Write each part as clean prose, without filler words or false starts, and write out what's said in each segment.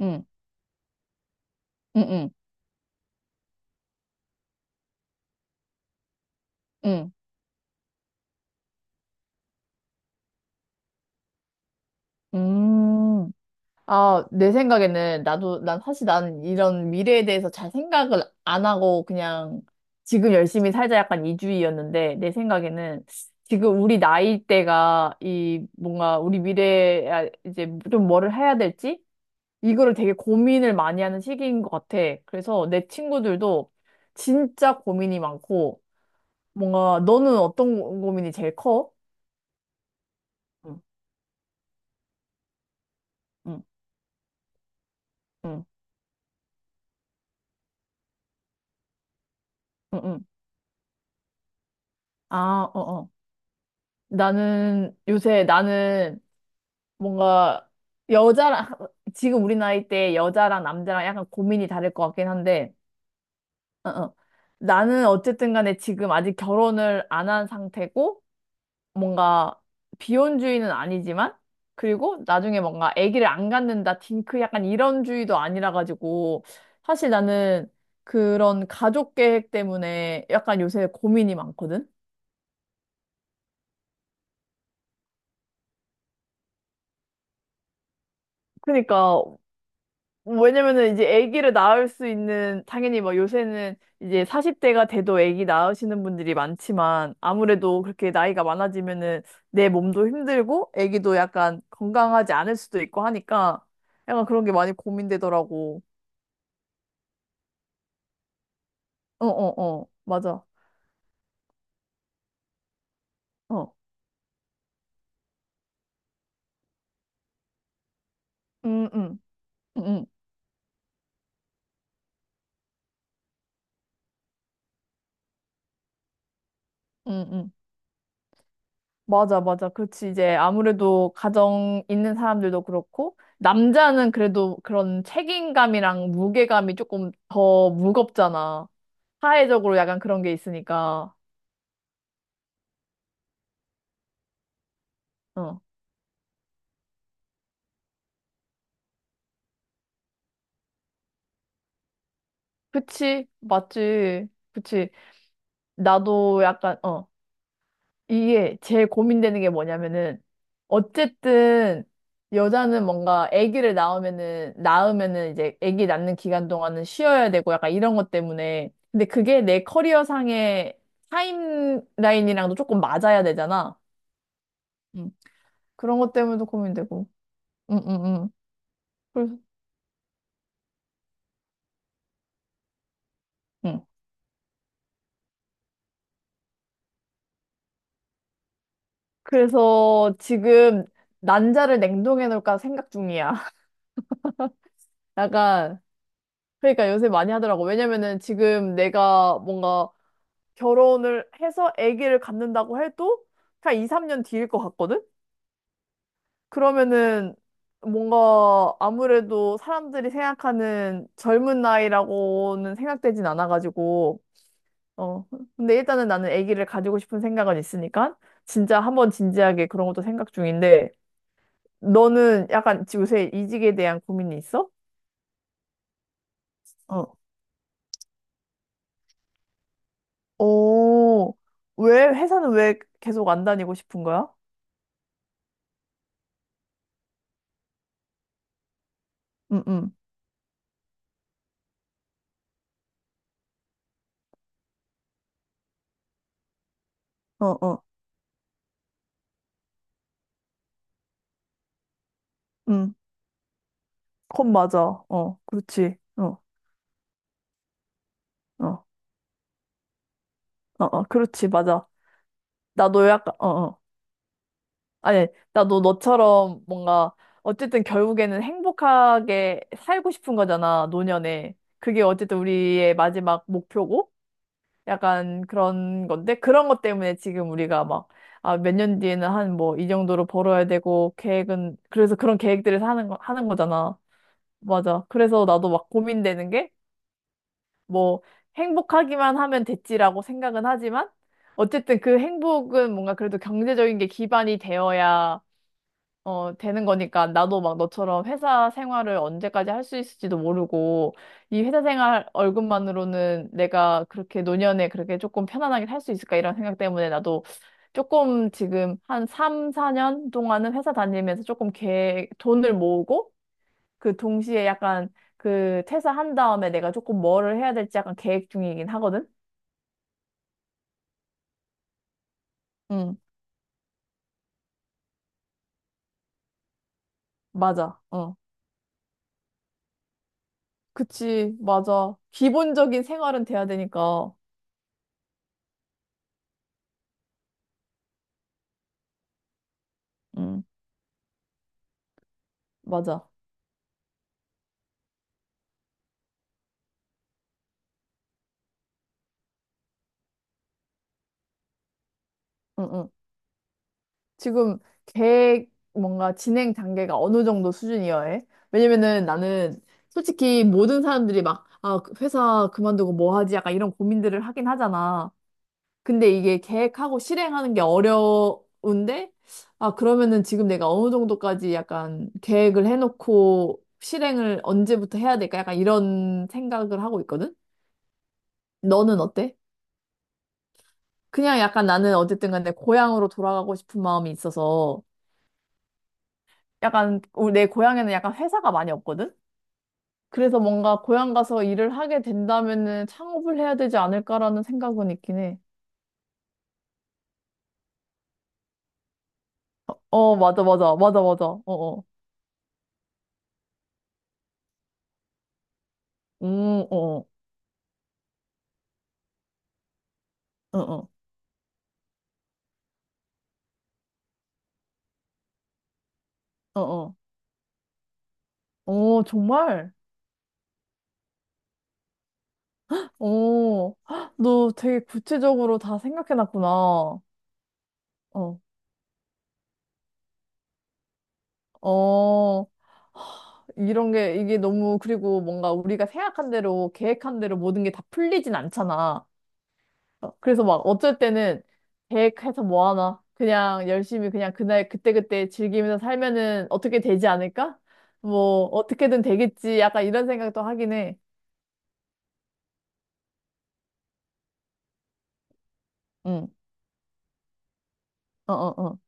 응, 응, 응, 응. 음. 아, 내 생각에는 나도, 난 사실 난 이런 미래에 대해서 잘 생각을 안 하고 그냥 지금 열심히 살자 약간 이주의였는데 내 생각에는 지금 우리 나이 대가 이 뭔가 우리 미래에 아, 이제 좀 뭐를 해야 될지 이거를 되게 고민을 많이 하는 시기인 것 같아. 그래서 내 친구들도 진짜 고민이 많고 뭔가 너는 어떤 고민이 제일 커? 응, 응, 응, 응, 응. 아, 어, 어. 나는 요새 나는 뭔가 여자랑 지금 우리 나이 때 여자랑 남자랑 약간 고민이 다를 것 같긴 한데, 어, 어. 나는 어쨌든 간에 지금 아직 결혼을 안 한 상태고 뭔가 비혼주의는 아니지만 그리고 나중에 뭔가 아기를 안 갖는다 딩크 약간 이런 주의도 아니라 가지고 사실 나는 그런 가족 계획 때문에 약간 요새 고민이 많거든. 그러니까 왜냐면은 이제 아기를 낳을 수 있는 당연히 뭐 요새는 이제 40대가 돼도 아기 낳으시는 분들이 많지만 아무래도 그렇게 나이가 많아지면은 내 몸도 힘들고 아기도 약간 건강하지 않을 수도 있고 하니까 약간 그런 게 많이 고민되더라고. 어, 어, 어. 맞아. 어. 음, 음. 음, 음. 음, 음. 맞아, 맞아. 그렇지. 이제 아무래도 가정 있는 사람들도 그렇고, 남자는 그래도 그런 책임감이랑 무게감이 조금 더 무겁잖아. 사회적으로 약간 그런 게 있으니까. 어. 그치. 맞지. 그치. 나도 약간, 어. 이게 제일 고민되는 게 뭐냐면은 어쨌든 여자는 뭔가 아기를 낳으면은 이제 아기 낳는 기간 동안은 쉬어야 되고 약간 이런 것 때문에 근데 그게 내 커리어상의 타임라인이랑도 조금 맞아야 되잖아. 음. 그런 것 때문에도 고민되고. 음, 음, 음. 그래서, 음. 그래서 지금 난자를 냉동해 놓을까 생각 중이야. 약간 그러니까 요새 많이 하더라고. 왜냐면은 지금 내가 뭔가 결혼을 해서 아기를 갖는다고 해도 그냥 2, 3년 뒤일 것 같거든? 그러면은 뭔가 아무래도 사람들이 생각하는 젊은 나이라고는 생각되진 않아가지고, 어. 근데 일단은 나는 아기를 가지고 싶은 생각은 있으니까, 진짜 한번 진지하게 그런 것도 생각 중인데, 너는 약간 요새 이직에 대한 고민이 있어? 어. 오, 왜, 회사는 왜 계속 안 다니고 싶은 거야? 응, 응. 어, 어. 컵 맞아. 어, 그렇지. 어, 어, 어, 어, 그렇지. 맞아. 나도 약간, 어, 어. 아니, 나도 너처럼 뭔가, 어쨌든 결국에는 행복하게 살고 싶은 거잖아, 노년에. 그게 어쨌든 우리의 마지막 목표고, 약간 그런 건데, 그런 것 때문에 지금 우리가 막, 아, 몇 년 뒤에는 한 뭐, 이 정도로 벌어야 되고, 계획은, 그래서 그런 계획들을 하는 거잖아. 맞아. 그래서 나도 막 고민되는 게, 뭐 행복하기만 하면 됐지라고 생각은 하지만 어쨌든 그 행복은 뭔가 그래도 경제적인 게 기반이 되어야 되는 거니까 나도 막 너처럼 회사 생활을 언제까지 할 수 있을지도 모르고 이 회사 생활 월급만으로는 내가 그렇게 노년에 그렇게 조금 편안하게 살 수 있을까 이런 생각 때문에 나도 조금 지금 한 3, 4년 동안은 회사 다니면서 조금 계획, 돈을 모으고 그 동시에 약간 그 퇴사한 다음에 내가 조금 뭐를 해야 될지 약간 계획 중이긴 하거든? 응, 맞아. 어. 그치, 맞아. 기본적인 생활은 돼야 되니까. 응, 맞아. 응, 응. 지금 계획 뭔가 진행 단계가 어느 정도 수준이어야 해? 왜냐면은 나는 솔직히 모든 사람들이 막, 아, 그 회사 그만두고 뭐 하지? 약간 이런 고민들을 하긴 하잖아. 근데 이게 계획하고 실행하는 게 어려운데, 아, 그러면은 지금 내가 어느 정도까지 약간 계획을 해놓고 실행을 언제부터 해야 될까? 약간 이런 생각을 하고 있거든? 너는 어때? 그냥 약간 나는 어쨌든 간에 고향으로 돌아가고 싶은 마음이 있어서 약간 우리 내 고향에는 약간 회사가 많이 없거든? 그래서 뭔가 고향 가서 일을 하게 된다면은 창업을 해야 되지 않을까라는 생각은 있긴 해. 어, 맞아, 맞아, 맞아, 맞아. 어, 어. 어, 어, 어, 어, 어. 어. 어, 정말? 어, 헉, 너 되게 구체적으로 다 생각해놨구나. 어, 어, 이게 너무, 그리고 뭔가 우리가 생각한 대로, 계획한 대로 모든 게 다 풀리진 않잖아. 어, 그래서 막 어쩔 때는 계획해서 뭐 하나? 그냥 열심히 그냥 그날 그때그때 즐기면서 살면은 어떻게 되지 않을까? 뭐, 어떻게든 되겠지. 약간 이런 생각도 하긴 해. 응, 어, 어, 어.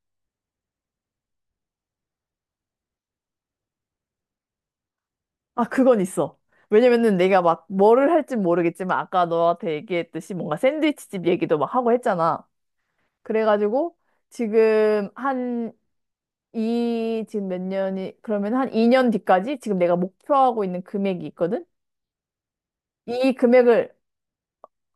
아, 그건 있어. 왜냐면은 내가 막 뭐를 할진 모르겠지만 아까 너한테 얘기했듯이 뭔가 샌드위치집 얘기도 막 하고 했잖아. 그래가지고 지금 한 이, 지금 몇 년이, 그러면 한 2년 뒤까지 지금 내가 목표하고 있는 금액이 있거든? 이 금액을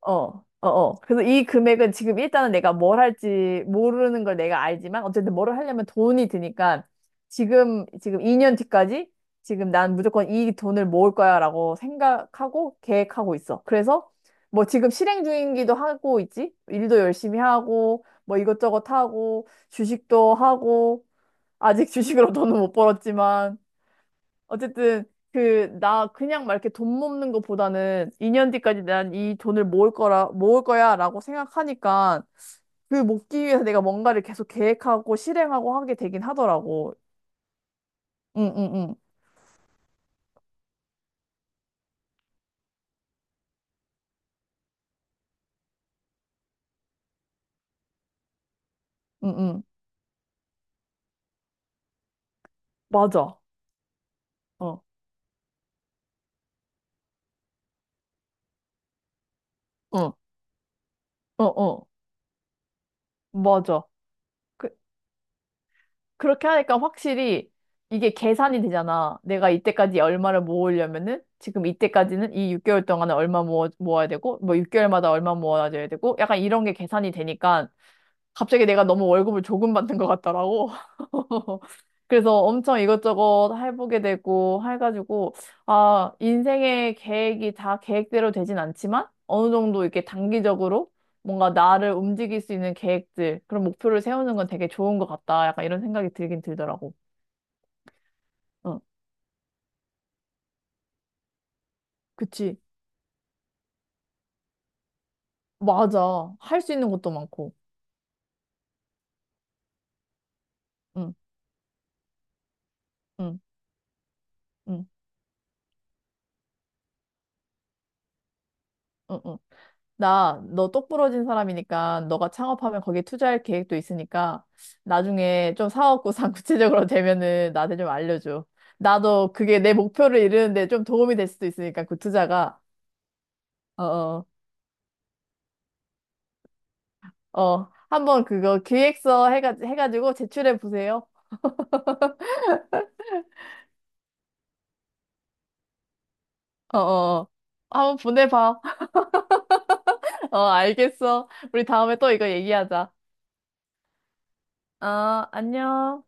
어, 어, 어. 그래서 이 금액은 지금 일단은 내가 뭘 할지 모르는 걸 내가 알지만 어쨌든 뭐를 하려면 돈이 드니까 지금 2년 뒤까지 지금 난 무조건 이 돈을 모을 거야라고 생각하고 계획하고 있어. 그래서 뭐 지금 실행 중이기도 하고 있지? 일도 열심히 하고 뭐 이것저것 하고 주식도 하고 아직 주식으로 돈은 못 벌었지만 어쨌든 그 나 그냥 막 이렇게 돈 모으는 것보다는 2년 뒤까지 난 이 돈을 모을 거라 모을 거야라고 생각하니까 그 모기 위해서 내가 뭔가를 계속 계획하고 실행하고 하게 되긴 하더라고. 응응응 응응 맞아. 어어어어 맞아. 그 그렇게 하니까 확실히 이게 계산이 되잖아. 내가 이때까지 얼마를 모으려면은 지금 이때까지는 이 6개월 동안에 얼마 모아야 되고 뭐 6개월마다 얼마 모아줘야 되고 약간 이런 게 계산이 되니까 갑자기 내가 너무 월급을 조금 받는 것 같더라고. 그래서 엄청 이것저것 해보게 되고 해가지고 아 인생의 계획이 다 계획대로 되진 않지만 어느 정도 이렇게 단기적으로 뭔가 나를 움직일 수 있는 계획들, 그런 목표를 세우는 건 되게 좋은 것 같다. 약간 이런 생각이 들긴 들더라고. 응, 그치. 맞아. 할 수 있는 것도 많고. 응, 응, 응, 응, 응. 나, 너 똑부러진 사람이니까, 너가 창업하면 거기에 투자할 계획도 있으니까, 나중에 좀 사업구상 구체적으로 되면은 나한테 좀 알려줘. 나도 그게 내 목표를 이루는데 좀 도움이 될 수도 있으니까, 그 투자가. 어, 어, 어. 한번 그거 기획서 해가지고 제출해 보세요. 어, 어. 어. 한번 보내봐. 어, 알겠어. 우리 다음에 또 이거 얘기하자. 어, 안녕.